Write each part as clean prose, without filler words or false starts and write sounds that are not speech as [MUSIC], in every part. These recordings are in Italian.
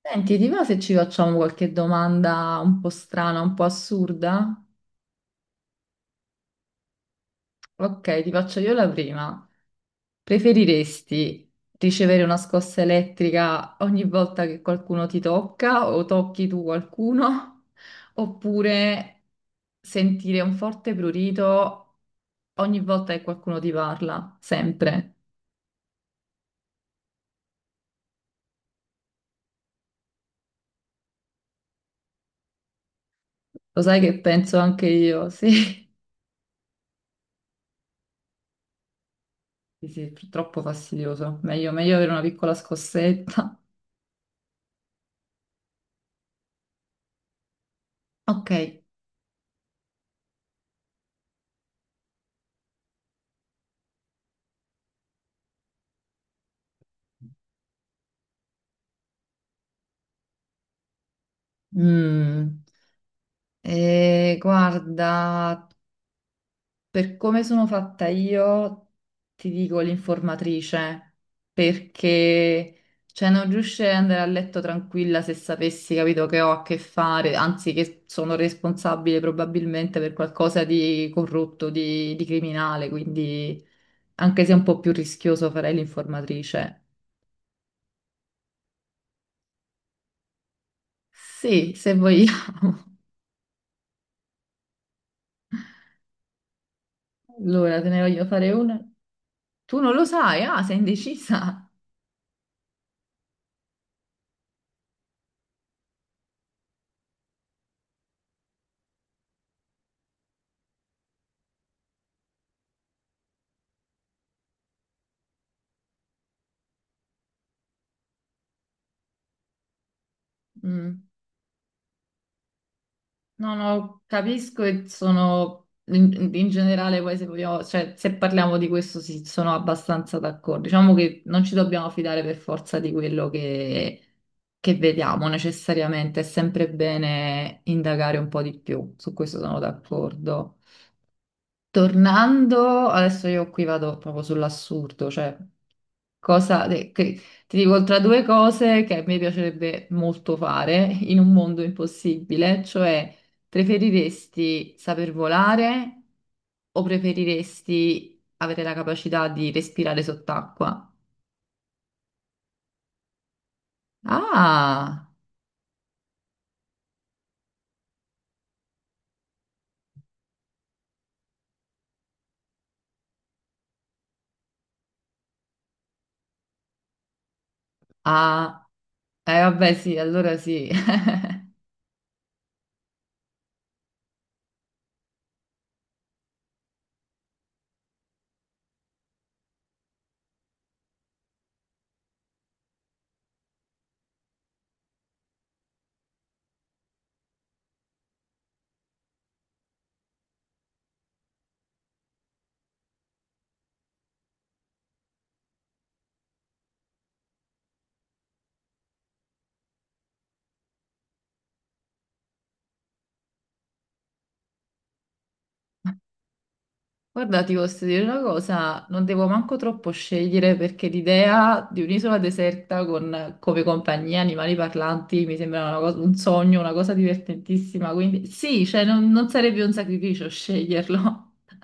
Senti, ti va se ci facciamo qualche domanda un po' strana, un po' assurda? Ok, ti faccio io la prima. Preferiresti ricevere una scossa elettrica ogni volta che qualcuno ti tocca o tocchi tu qualcuno? [LAUGHS] Oppure sentire un forte prurito ogni volta che qualcuno ti parla? Sempre. Lo sai che penso anche io, [LAUGHS] sì. Sì, sì, troppo fastidioso. Meglio, meglio avere una piccola scossetta. Ok. Mm. Guarda, per come sono fatta io, ti dico l'informatrice, perché cioè, non riuscirei ad andare a letto tranquilla se sapessi, capito, che ho a che fare, anzi che sono responsabile probabilmente per qualcosa di corrotto, di criminale, quindi anche se è un po' più rischioso farei l'informatrice. Sì, se vogliamo. [LAUGHS] Allora, te ne voglio fare una. Tu non lo sai, ah, sei indecisa. Mm. No, no, capisco e sono in generale poi se vogliamo, cioè se parliamo di questo sì, sono abbastanza d'accordo. Diciamo che non ci dobbiamo fidare per forza di quello che vediamo necessariamente, è sempre bene indagare un po' di più, su questo sono d'accordo. Tornando, adesso io qui vado proprio sull'assurdo, cioè Cosa de- che- ti dico tra due cose che a me piacerebbe molto fare in un mondo impossibile, cioè preferiresti saper volare o preferiresti avere la capacità di respirare sott'acqua? Ah, ah, eh vabbè sì, allora sì. [LAUGHS] Guarda, ti posso dire una cosa, non devo manco troppo scegliere perché l'idea di un'isola deserta con come compagnia animali parlanti mi sembra un sogno, una cosa divertentissima, quindi sì, cioè non sarebbe un sacrificio sceglierlo. [LAUGHS]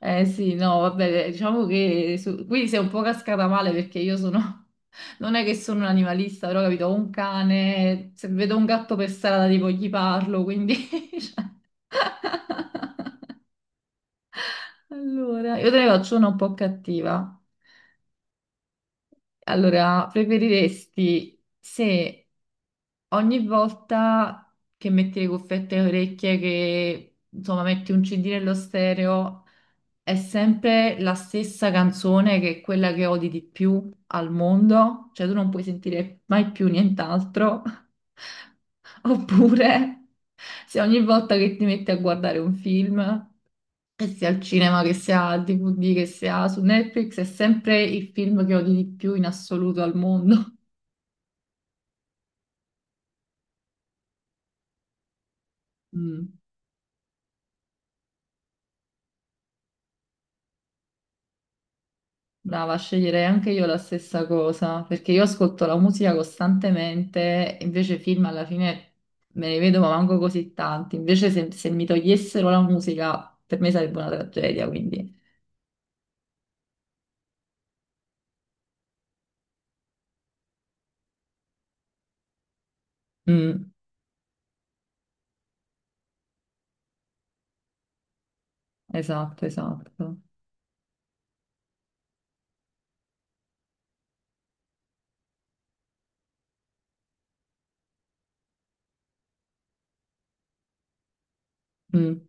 Eh sì, no, vabbè, diciamo che qui sei un po' cascata male perché io sono, [LAUGHS] non è che sono un animalista, però capito, ho un cane, se vedo un gatto per strada tipo gli parlo, quindi... [LAUGHS] cioè, allora, io te ne faccio una un po' cattiva. Allora, preferiresti se ogni volta che metti le cuffiette alle orecchie, che insomma metti un CD nello stereo, è sempre la stessa canzone che è quella che odi di più al mondo, cioè tu non puoi sentire mai più nient'altro, [LAUGHS] oppure se ogni volta che ti metti a guardare un film, che sia al cinema, che sia al DVD, che sia su Netflix, è sempre il film che odi di più in assoluto al mondo. Mm. Brava, sceglierei anche io la stessa cosa, perché io ascolto la musica costantemente, invece film alla fine me ne vedo ma manco così tanti, invece se mi togliessero la musica per me sarebbe una tragedia, quindi... Mm, esatto, esatto. Mm.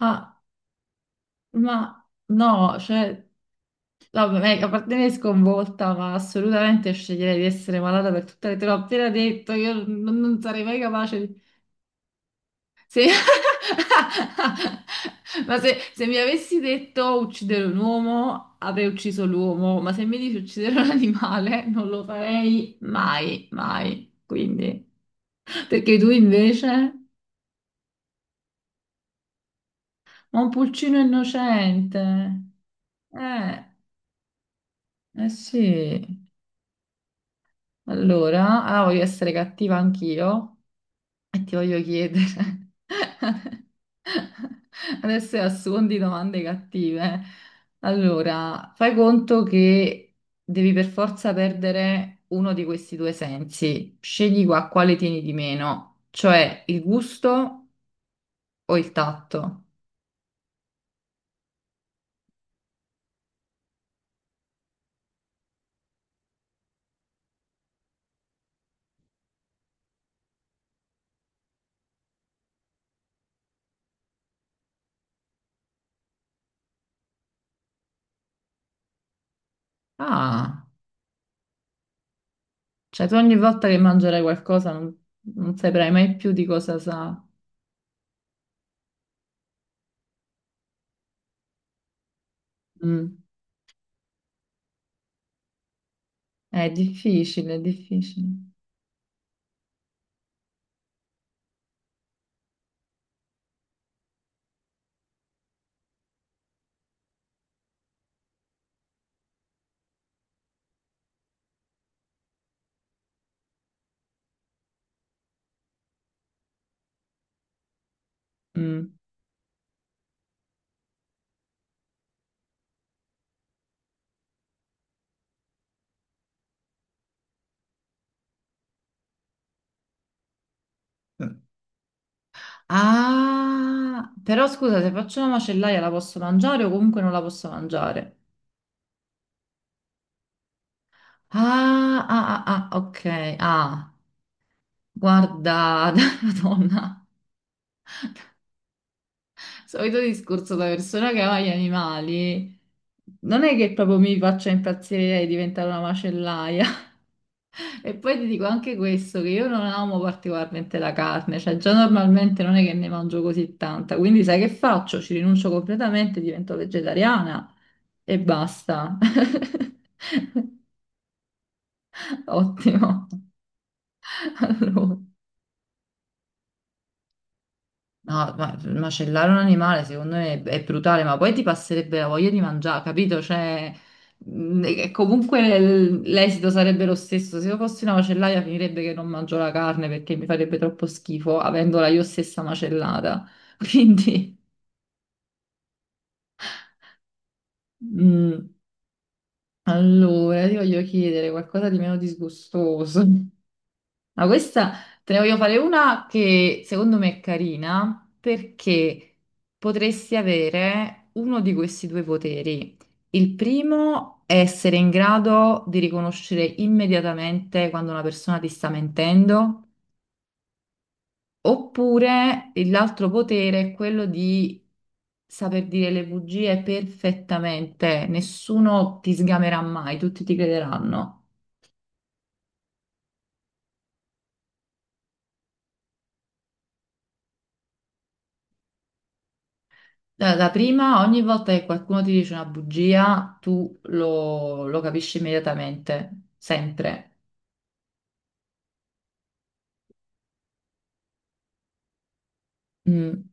Ah, ma no, cioè, vabbè, a parte me sconvolta, ma assolutamente sceglierei di essere malata per tutte le... Te l'ho appena detto, io non sarei mai capace. Se... [LAUGHS] Ma se mi avessi detto uccidere un uomo, avrei ucciso l'uomo, ma se mi dici uccidere un animale, non lo farei mai, mai. Quindi, perché tu invece? Ma un pulcino innocente. Eh, eh sì. Allora, ah, voglio essere cattiva anch'io e ti voglio chiedere. [LAUGHS] Adesso è a suon di domande cattive. Allora, fai conto che devi per forza perdere uno di questi due sensi. Scegli qua quale tieni di meno, cioè il gusto o il tatto. Ah, cioè tu ogni volta che mangerai qualcosa non saprai mai più di cosa sa. Mm. È difficile, è difficile. Mm. Ah, però scusa, se faccio una macellaia la posso mangiare o comunque non la posso mangiare? Ah, ah, ah, ah, ok. Ah, guarda, [LAUGHS] Madonna, solito discorso da persona che ama gli animali. Non è che proprio mi faccia impazzire di diventare una macellaia. [LAUGHS] E poi ti dico anche questo, che io non amo particolarmente la carne, cioè già normalmente non è che ne mangio così tanta, quindi sai che faccio? Ci rinuncio completamente, divento vegetariana e basta. [LAUGHS] Ottimo. [LAUGHS] Allora. No, ma macellare un animale secondo me è brutale, ma poi ti passerebbe la voglia di mangiare, capito? Cioè, e comunque l'esito sarebbe lo stesso. Se io fossi una macellaia finirebbe che non mangio la carne perché mi farebbe troppo schifo avendola io stessa macellata. [LAUGHS] Quindi, mh, allora, ti voglio chiedere qualcosa di meno disgustoso. Ma questa te ne voglio fare una che secondo me è carina perché potresti avere uno di questi due poteri. Il primo è essere in grado di riconoscere immediatamente quando una persona ti sta mentendo, oppure l'altro potere è quello di saper dire le bugie perfettamente, nessuno ti sgamerà mai, tutti ti crederanno. La prima, ogni volta che qualcuno ti dice una bugia, tu lo capisci immediatamente, sempre. Mm.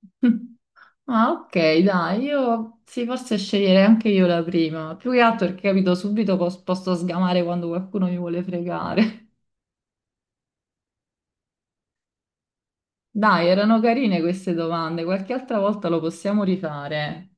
[LAUGHS] Ah, ok, dai, io sì, forse sceglierei anche io la prima, più che altro perché capito subito posso sgamare quando qualcuno mi vuole fregare. [LAUGHS] Dai, erano carine queste domande, qualche altra volta lo possiamo rifare.